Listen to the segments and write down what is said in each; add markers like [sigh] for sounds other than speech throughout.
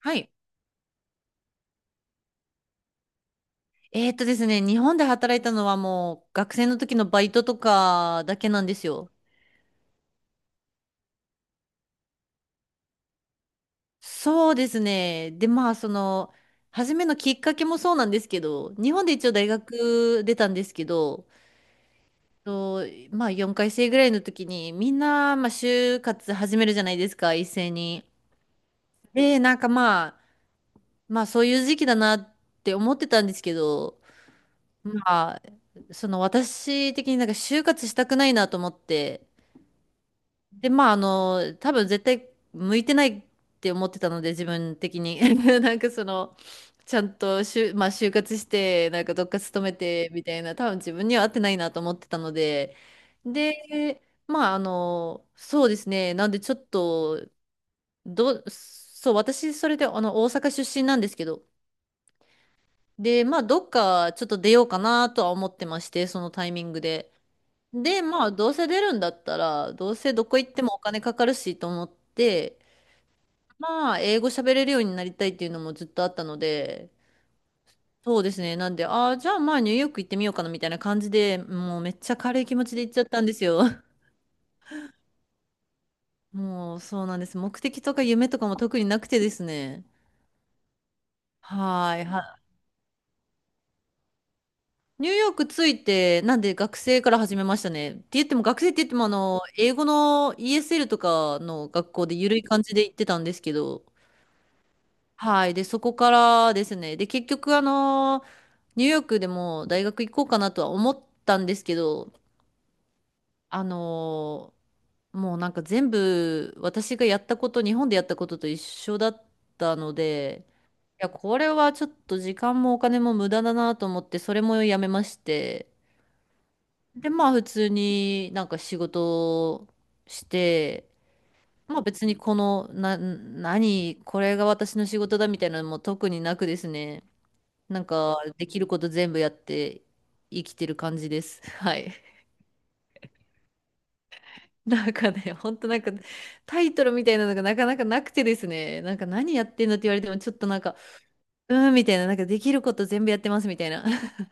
はい。ですね、日本で働いたのはもう学生の時のバイトとかだけなんですよ。そうですね。で、まあ、その、初めのきっかけもそうなんですけど、日本で一応大学出たんですけど、と、まあ、4回生ぐらいの時に、みんな、就活始めるじゃないですか、一斉に。で、なんかまあ、まあ、そういう時期だなって思ってたんですけど、まあ、その私的になんか就活したくないなと思って、で、まあ、あの、多分絶対向いてないって思ってたので、自分的に。[laughs] なんかその、ちゃんとしゅ、まあ、就活して、なんかどっか勤めてみたいな、多分自分には合ってないなと思ってたので、で、そうですね。なんでちょっと、どそう、私、それで、あの、大阪出身なんですけど、で、まあ、どっかちょっと出ようかなとは思ってまして、そのタイミングで。で、まあ、どうせ出るんだったら、どうせどこ行ってもお金かかるしと思って、まあ、英語喋れるようになりたいっていうのもずっとあったので、そうですね。なんで、ああ、じゃあまあニューヨーク行ってみようかなみたいな感じで、もうめっちゃ軽い気持ちで行っちゃったんですよ。[laughs] もうそうなんです。目的とか夢とかも特になくてですね。はーい、はい。ニューヨーク着いて、なんで学生から始めましたね。って言っても学生って言っても英語の ESL とかの学校で緩い感じで行ってたんですけど、はい。で、そこからですね。で、結局あの、ニューヨークでも大学行こうかなとは思ったんですけど、あのーもうなんか全部私がやったこと、日本でやったことと一緒だったので、いや、これはちょっと時間もお金も無駄だなと思って、それもやめまして、で、まあ普通になんか仕事をして、まあ別にこの、これが私の仕事だみたいなのも特になくですね、なんかできること全部やって生きてる感じです。[laughs] はい。[laughs] なんかね、ほんとなんかタイトルみたいなのがなかなかなくてですね、なんか何やってんのって言われてもちょっとなんか、うーんみたいな、なんかできること全部やってますみたいな。[laughs]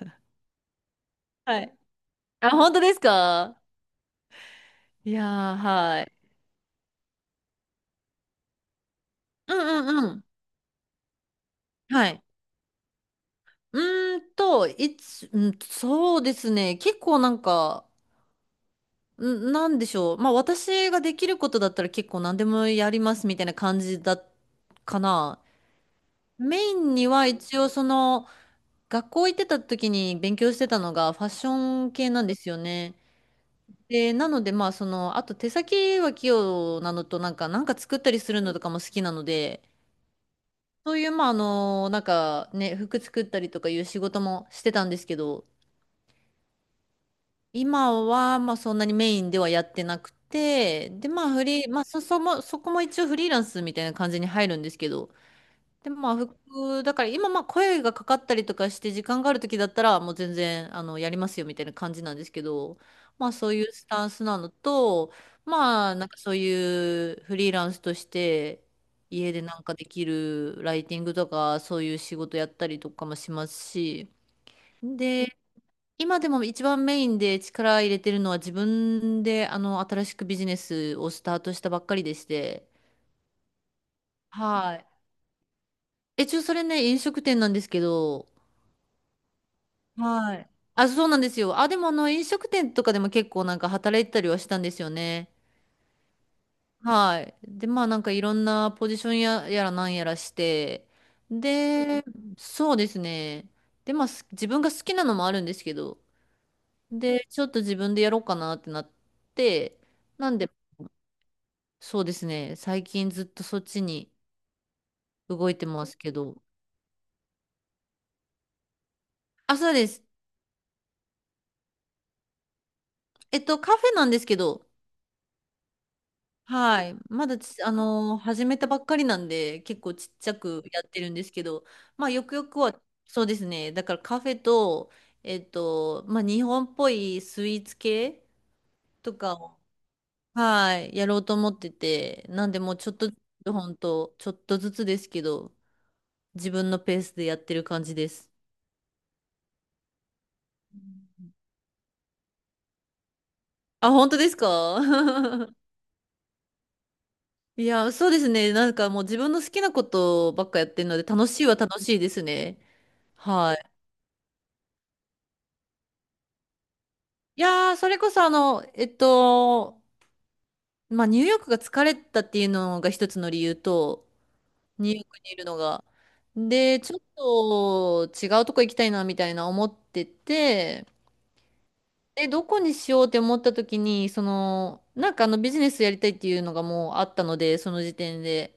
はい。[laughs] あ、本当ですか？いやー、はい。うんうんうん。はい。うーんと、いつ、うん、そうですね、結構なんか、ん、なんでしょう。まあ私ができることだったら結構何でもやりますみたいな感じだ、かな。メインには一応その、学校行ってた時に勉強してたのがファッション系なんですよね。で、なのでまあその、あと手先は器用なのとなんか、なんか作ったりするのとかも好きなので、そういうまああの、なんかね、服作ったりとかいう仕事もしてたんですけど、今はまあそんなにメインではやってなくて、でまあフリー、まあそ、そも、そこも一応フリーランスみたいな感じに入るんですけど、でもまあ服、だから今まあ声がかかったりとかして時間がある時だったらもう全然あのやりますよみたいな感じなんですけど、まあそういうスタンスなのと、まあなんかそういうフリーランスとして家でなんかできるライティングとかそういう仕事やったりとかもしますし、で、今でも一番メインで力入れてるのは自分であの新しくビジネスをスタートしたばっかりでして、はい。え、ちょ、それね、飲食店なんですけど、はい。あ、そうなんですよ。あ、でもあの飲食店とかでも結構なんか働いてたりはしたんですよね。はい。で、まあなんかいろんなポジションや、やらなんやらして。で、そうですね。で、まあす自分が好きなのもあるんですけど、で、ちょっと自分でやろうかなってなって、なんで、そうですね。最近ずっとそっちに動いてますけど。あ、そうです。えっと、カフェなんですけど、はい。まだち、あのー始めたばっかりなんで、結構ちっちゃくやってるんですけど、まあ、よくよくは、そうですね。だからカフェと、えっと、まあ、日本っぽいスイーツ系とかを、はい、やろうと思ってて、なんでもうちょっとずつ、ほんと、ちょっとずつですけど、自分のペースでやってる感じです。あ、本当ですか？ [laughs] いや、そうですね。なんかもう自分の好きなことばっかやってるので、楽しいは楽しいですね。はい。いやー、それこそあの、えっと、まあ、ニューヨークが疲れたっていうのが一つの理由と、ニューヨークにいるのが。で、ちょっと違うとこ行きたいなみたいな思ってて、で、どこにしようって思った時に、その、なんかあのビジネスやりたいっていうのがもうあったので、その時点で。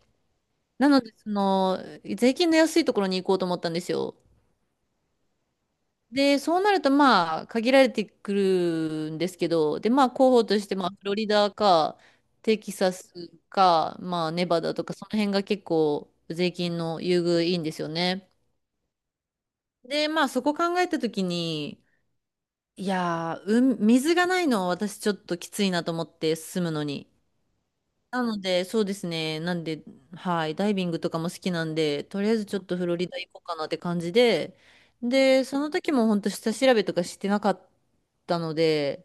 なので、その、税金の安いところに行こうと思ったんですよ。で、そうなると、まあ、限られてくるんですけど、で、まあ、候補として、まあ、フロリダか、テキサスか、まあ、ネバダとか、その辺が結構、税金の優遇いいんですよね。で、まあ、そこ考えたときに、いやー、うん、水がないのは私ちょっときついなと思って、住むのに。なので、そうですね。なんで、はい、ダイビングとかも好きなんで、とりあえずちょっとフロリダ行こうかなって感じで、で、その時も本当下調べとかしてなかったので、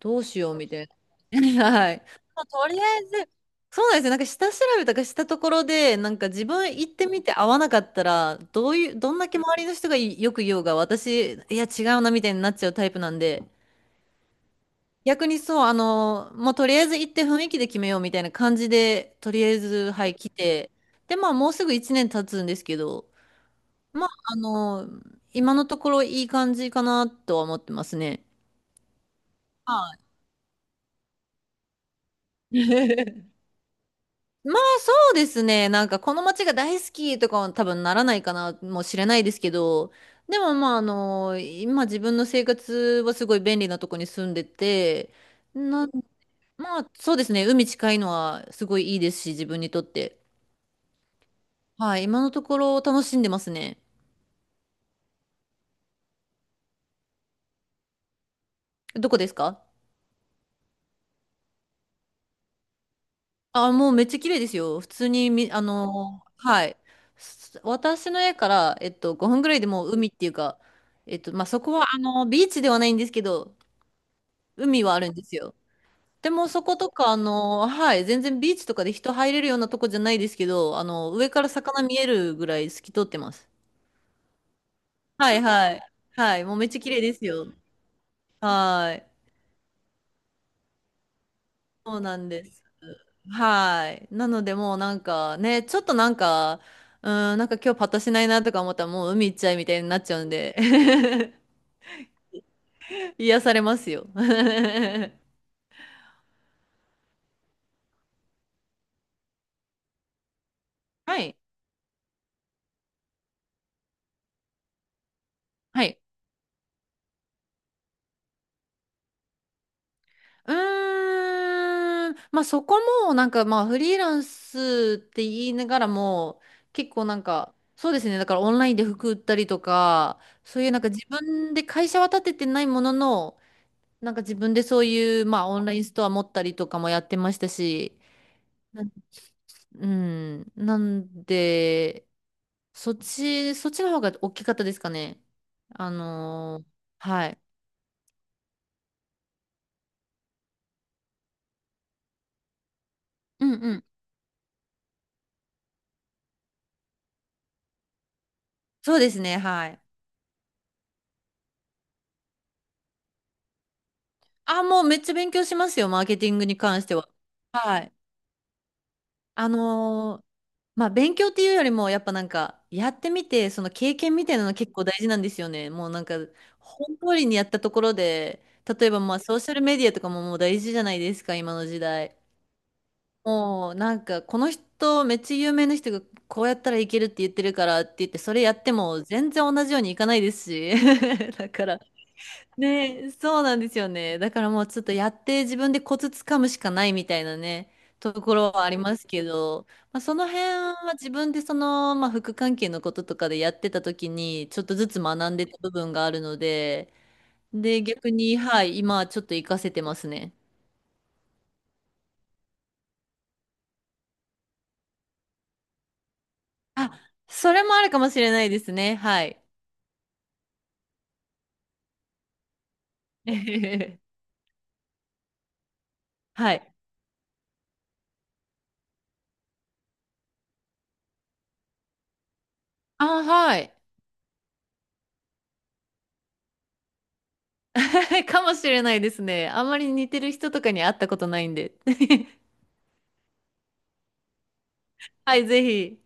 どうしようみたいな。[laughs] はい。まあとりあえず、そうなんですよ。なんか下調べとかしたところで、なんか自分行ってみて合わなかったら、どういう、どんだけ周りの人がよく言おうが、私、いや違うなみたいになっちゃうタイプなんで、逆にそう、あの、もうとりあえず行って雰囲気で決めようみたいな感じで、とりあえず、はい、来て、で、まあ、もうすぐ1年経つんですけど、まあ、あの、今のところいい感じかなとは思ってますね。はい。[laughs] まあ、そうですね。なんか、この街が大好きとかは多分ならないかな、もしれないですけど、でも、まあ、あの、今自分の生活はすごい便利なとこに住んでて、な、まあ、そうですね。海近いのはすごいいいですし、自分にとって。はい、今のところ楽しんでますね。どこですか？あ、もうめっちゃ綺麗ですよ。普通にあのはい。私の家から、えっと、5分ぐらいでもう海っていうか、えっと、まあ、そこは、あの、ビーチではないんですけど、海はあるんですよ。でも、そことか、あのはい、全然ビーチとかで人入れるようなとこじゃないですけど、あの、上から魚見えるぐらい透き通ってます。はい、はい。はい、もうめっちゃ綺麗ですよ。はい。そうなんです。はい。なのでもうなんかね、ちょっとなんか、うん、なんか今日パッとしないなとか思ったらもう海行っちゃいみたいになっちゃうんで [laughs] 癒されますよ。[laughs] はい。はい。うーん。まあそこもなんかまあフリーランスって言いながらも結構なんかそうですね。だからオンラインで服売ったりとか、そういうなんか自分で会社は立ててないものの、なんか自分でそういうまあオンラインストア持ったりとかもやってましたし、うん。なんで、そっちの方が大きかったですかね。あのーはい。うんうん。そうですね、はい。あ、もうめっちゃ勉強しますよ、マーケティングに関しては。はい。あのーまあ、勉強っていうよりも、やっぱなんか、やってみて、その経験みたいなの結構大事なんですよね。もうなんか、本通りにやったところで、例えばまあ、ソーシャルメディアとかももう大事じゃないですか、今の時代。もうなんかこの人めっちゃ有名な人がこうやったらいけるって言ってるからって言ってそれやっても全然同じようにいかないですし [laughs] だからねそうなんですよねだからもうちょっとやって自分でコツつかむしかないみたいなねところはありますけど、まあ、その辺は自分でその、まあ、副関係のこととかでやってた時にちょっとずつ学んでた部分があるのでで逆にはい今はちょっと活かせてますねあそれもあるかもしれないですねはい [laughs] えへへへはい。あ、はい。[laughs] かもしれないですね。あんまり似てる人とかに会ったことないんで。[laughs] はい、ぜひ。